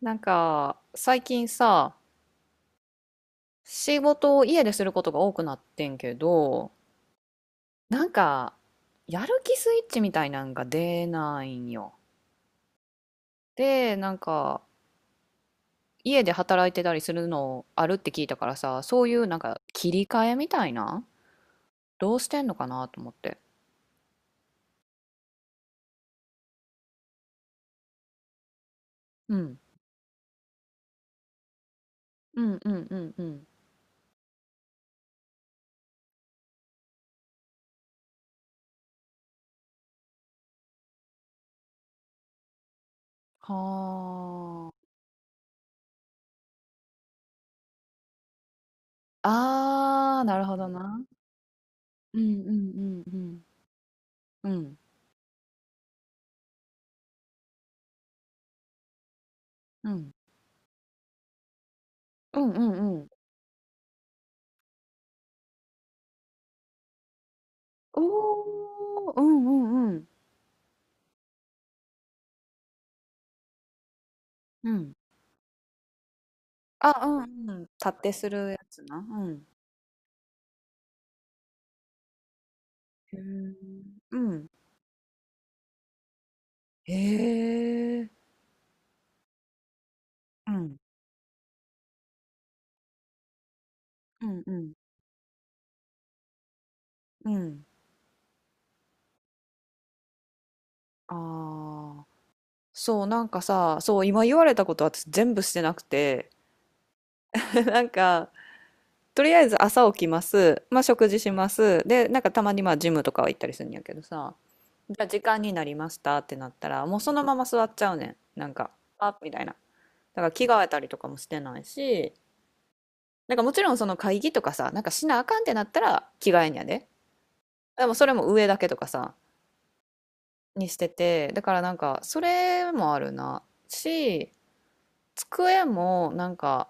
なんか、最近さ、仕事を家ですることが多くなってんけど、なんか、やる気スイッチみたいなんが出ないんよ。で、なんか、家で働いてたりするのあるって聞いたからさ、そういうなんか切り替えみたいな、どうしてんのかなと思って。うん。うんうんうんうん。はあ。あー、なるほどな。うんうんうんうん。うん。うん。うんうんうん。おー、うんうんうん。うん。あ、うんうん。立ってするやつな。うん。へえ。うん。へえ。うん。うんうん。うん。ああ。そう、なんかさ、そう、今言われたこと私全部してなくて、なんか、とりあえず朝起きます。まあ、食事します。で、なんかたまにまあ、ジムとかは行ったりするんやけどさ、じゃあ時間になりましたってなったら、もうそのまま座っちゃうねん。なんか、あ、みたいな。だから着替えたりとかもしてないし、なんかもちろんその会議とかさ、なんかしなあかんってなったら着替えんやで。でもそれも上だけとかさ、にしてて、だからなんかそれもあるな。し、机もなんか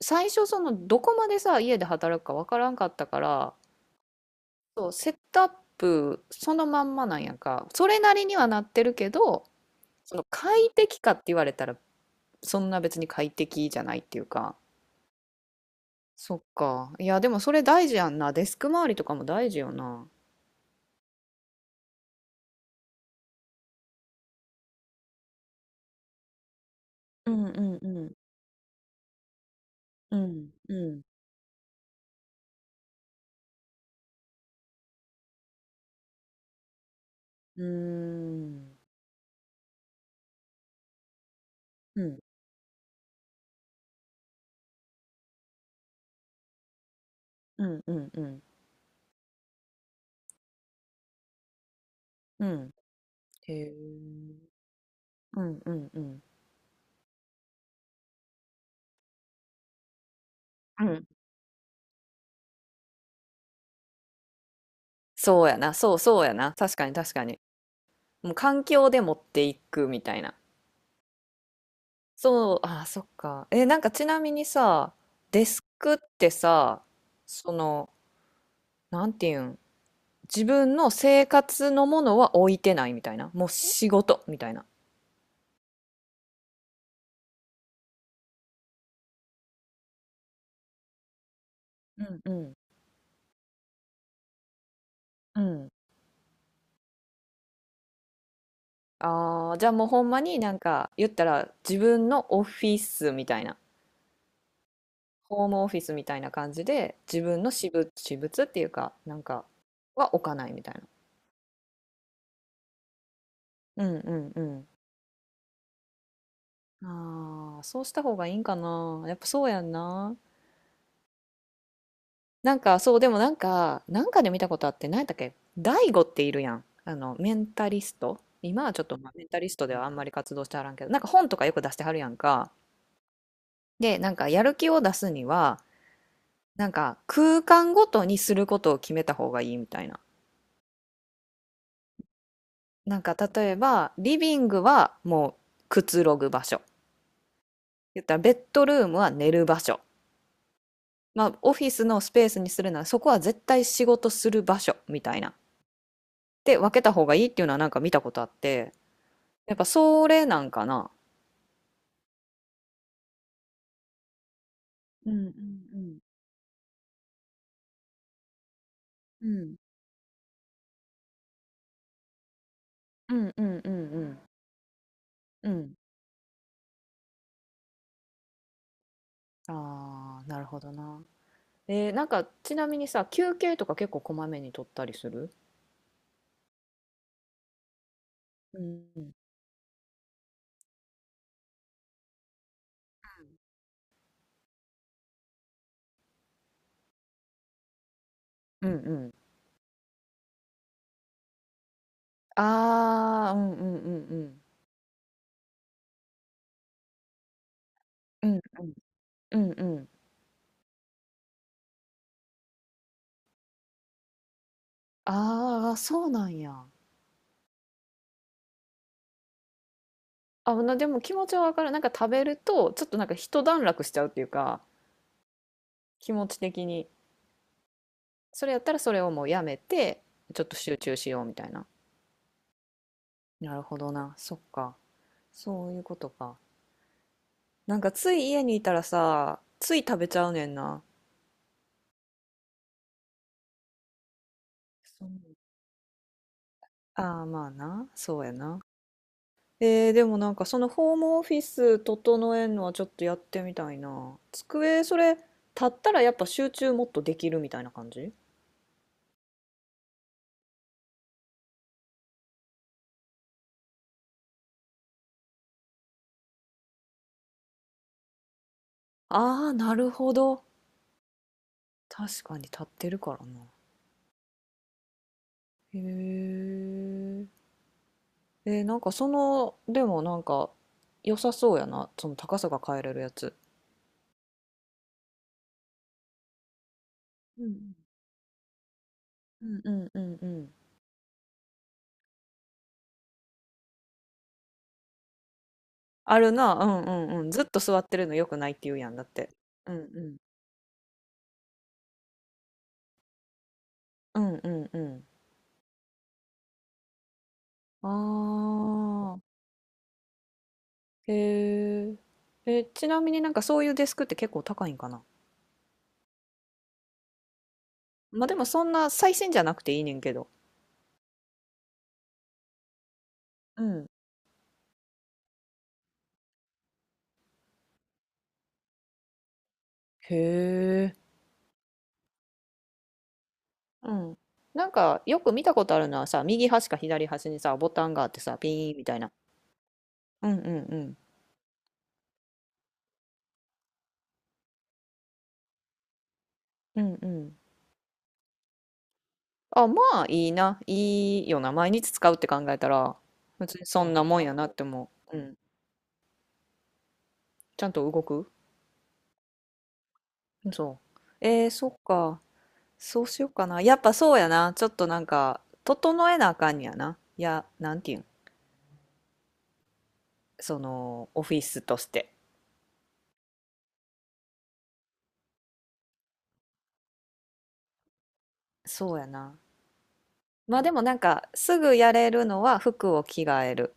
最初そのどこまでさ、家で働くかわからんかったから、そう、セットアップそのまんまなんやんか。それなりにはなってるけど、その快適かって言われたらそんな別に快適じゃないっていうか。そっか。いや、でもそれ大事やんな。デスク周りとかも大事よな。うんうんうんうん、うん、うーん、うん、うん、うん、うん、うん。へえ。うん、うん、うん。うん。そうやな、そうそうやな。確かに確かに。もう環境で持っていくみたいな。そう、あー、そっか。え、なんかちなみにさ、デスクってさ、その、なんていうん、自分の生活のものは置いてないみたいな。もう仕事みたいな。うん、うん、うん。ああ、じゃあもうほんまになんか言ったら自分のオフィスみたいな、ホームオフィスみたいな感じで自分の私物、私物っていうかなんかは置かないみたいな。うんうんうん。ああ、そうした方がいいんかな。やっぱそうやんな。なんかそう、でもなんか、なんかで見たことあって、何やったっけ大悟っているやん。あの、メンタリスト。今はちょっとまあメンタリストではあんまり活動してはらんけど、なんか本とかよく出してはるやんか。で、なんかやる気を出すには、なんか空間ごとにすることを決めた方がいいみたいな。なんか例えばリビングはもうくつろぐ場所。言ったらベッドルームは寝る場所。まあオフィスのスペースにするならそこは絶対仕事する場所みたいな。で分けた方がいいっていうのはなんか見たことあって、やっぱそれなんかな。うんうんうん。うん。うんうんうんうんうん。ああーなるほどな。えーなんかちなみにさ、休憩とか結構こまめに取ったりする？うんうんうん。ああ、うんうんうんうん。うんうん。うんうん。ああ、そうなんや。あ、なでも気持ちはわかる。なんか食べると、ちょっとなんか一段落しちゃうっていうか、気持ち的に。それやったらそれをもうやめて、ちょっと集中しようみたいな。なるほどな。そっか。そういうことか。なんかつい家にいたらさ、つい食べちゃうねんな。そう。ああ、まあな。そうやな。えー、でもなんかそのホームオフィス整えんのはちょっとやってみたいな。机、それ、立ったらやっぱ集中もっとできるみたいな感じ？ああー、なるほど。確かに立ってるからな。へえ。えー、なんかその、でもなんか良さそうやな。その高さが変えれるやつ。うんうんうんうん。あるな。うんうんうん。ずっと座ってるの良くないって言うやんだって。うんうん。うんうんうん。ああ。へえ。え、ちなみになんかそういうデスクって結構高いんかな？まあでもそんな最新じゃなくていいねんけど。うん。へえ。うん。なんかよく見たことあるのはさ、右端か左端にさ、ボタンがあってさ、ピーンみたいな。うんうんうん。うんうん。あ、まあいいな。いいよな。毎日使うって考えたら、別にそんなもんやなって思う。うん。ちゃんと動く？そう。えー、そっか。そうしようかな。やっぱそうやな。ちょっとなんか、整えなあかんやな。いや、なんていうん。その、オフィスとして。そうやな。まあでもなんか、すぐやれるのは服を着替える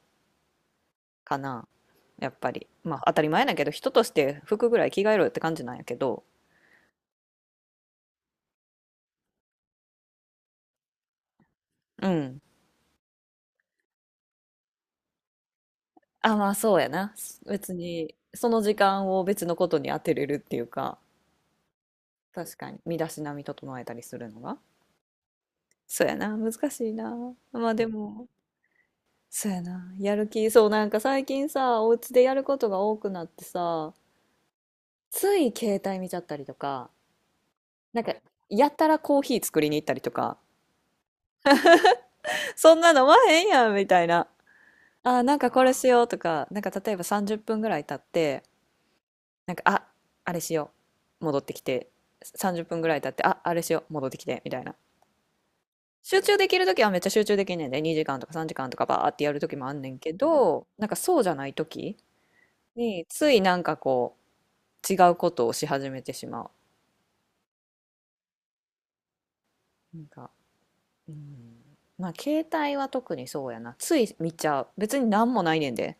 かな。やっぱり。まあ当たり前だけど、人として服ぐらい着替えろよって感じなんやけど。うん。あ、まあそうやな。別に、その時間を別のことに当てれるっていうか、確かに、身だしなみ整えたりするのが。そうやな。難しいな。まあでも。そうやな。やる気、そう、なんか最近さ、お家でやることが多くなってさ、つい携帯見ちゃったりとか、なんか、やたらコーヒー作りに行ったりとか、そんな飲まへんやんみたいな。あー、なんかこれしようとか、なんか例えば30分ぐらい経って、なんか、あ、あれしよう。戻ってきて、30分ぐらい経って、あ、あれしよう。戻ってきて、みたいな。集中できるときはめっちゃ集中できんねんで、2時間とか3時間とかバーってやるときもあんねんけど、なんかそうじゃないときに、ついなんか違うことをし始めてしまう。なんか、うん、まあ携帯は特にそうやな。つい見ちゃう。別に何もないねんで。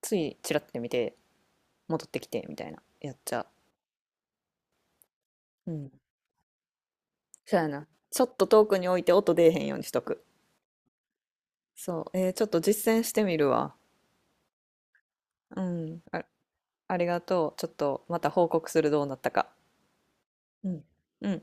ついチラッて見て戻ってきてみたいな。やっちゃう。うん。そうやな。ちょっと遠くに置いて音出えへんようにしとく。そう。えーちょっと実践してみるわ。うん。あ、ありがとう。ちょっとまた報告するどうなったか。うん。うん。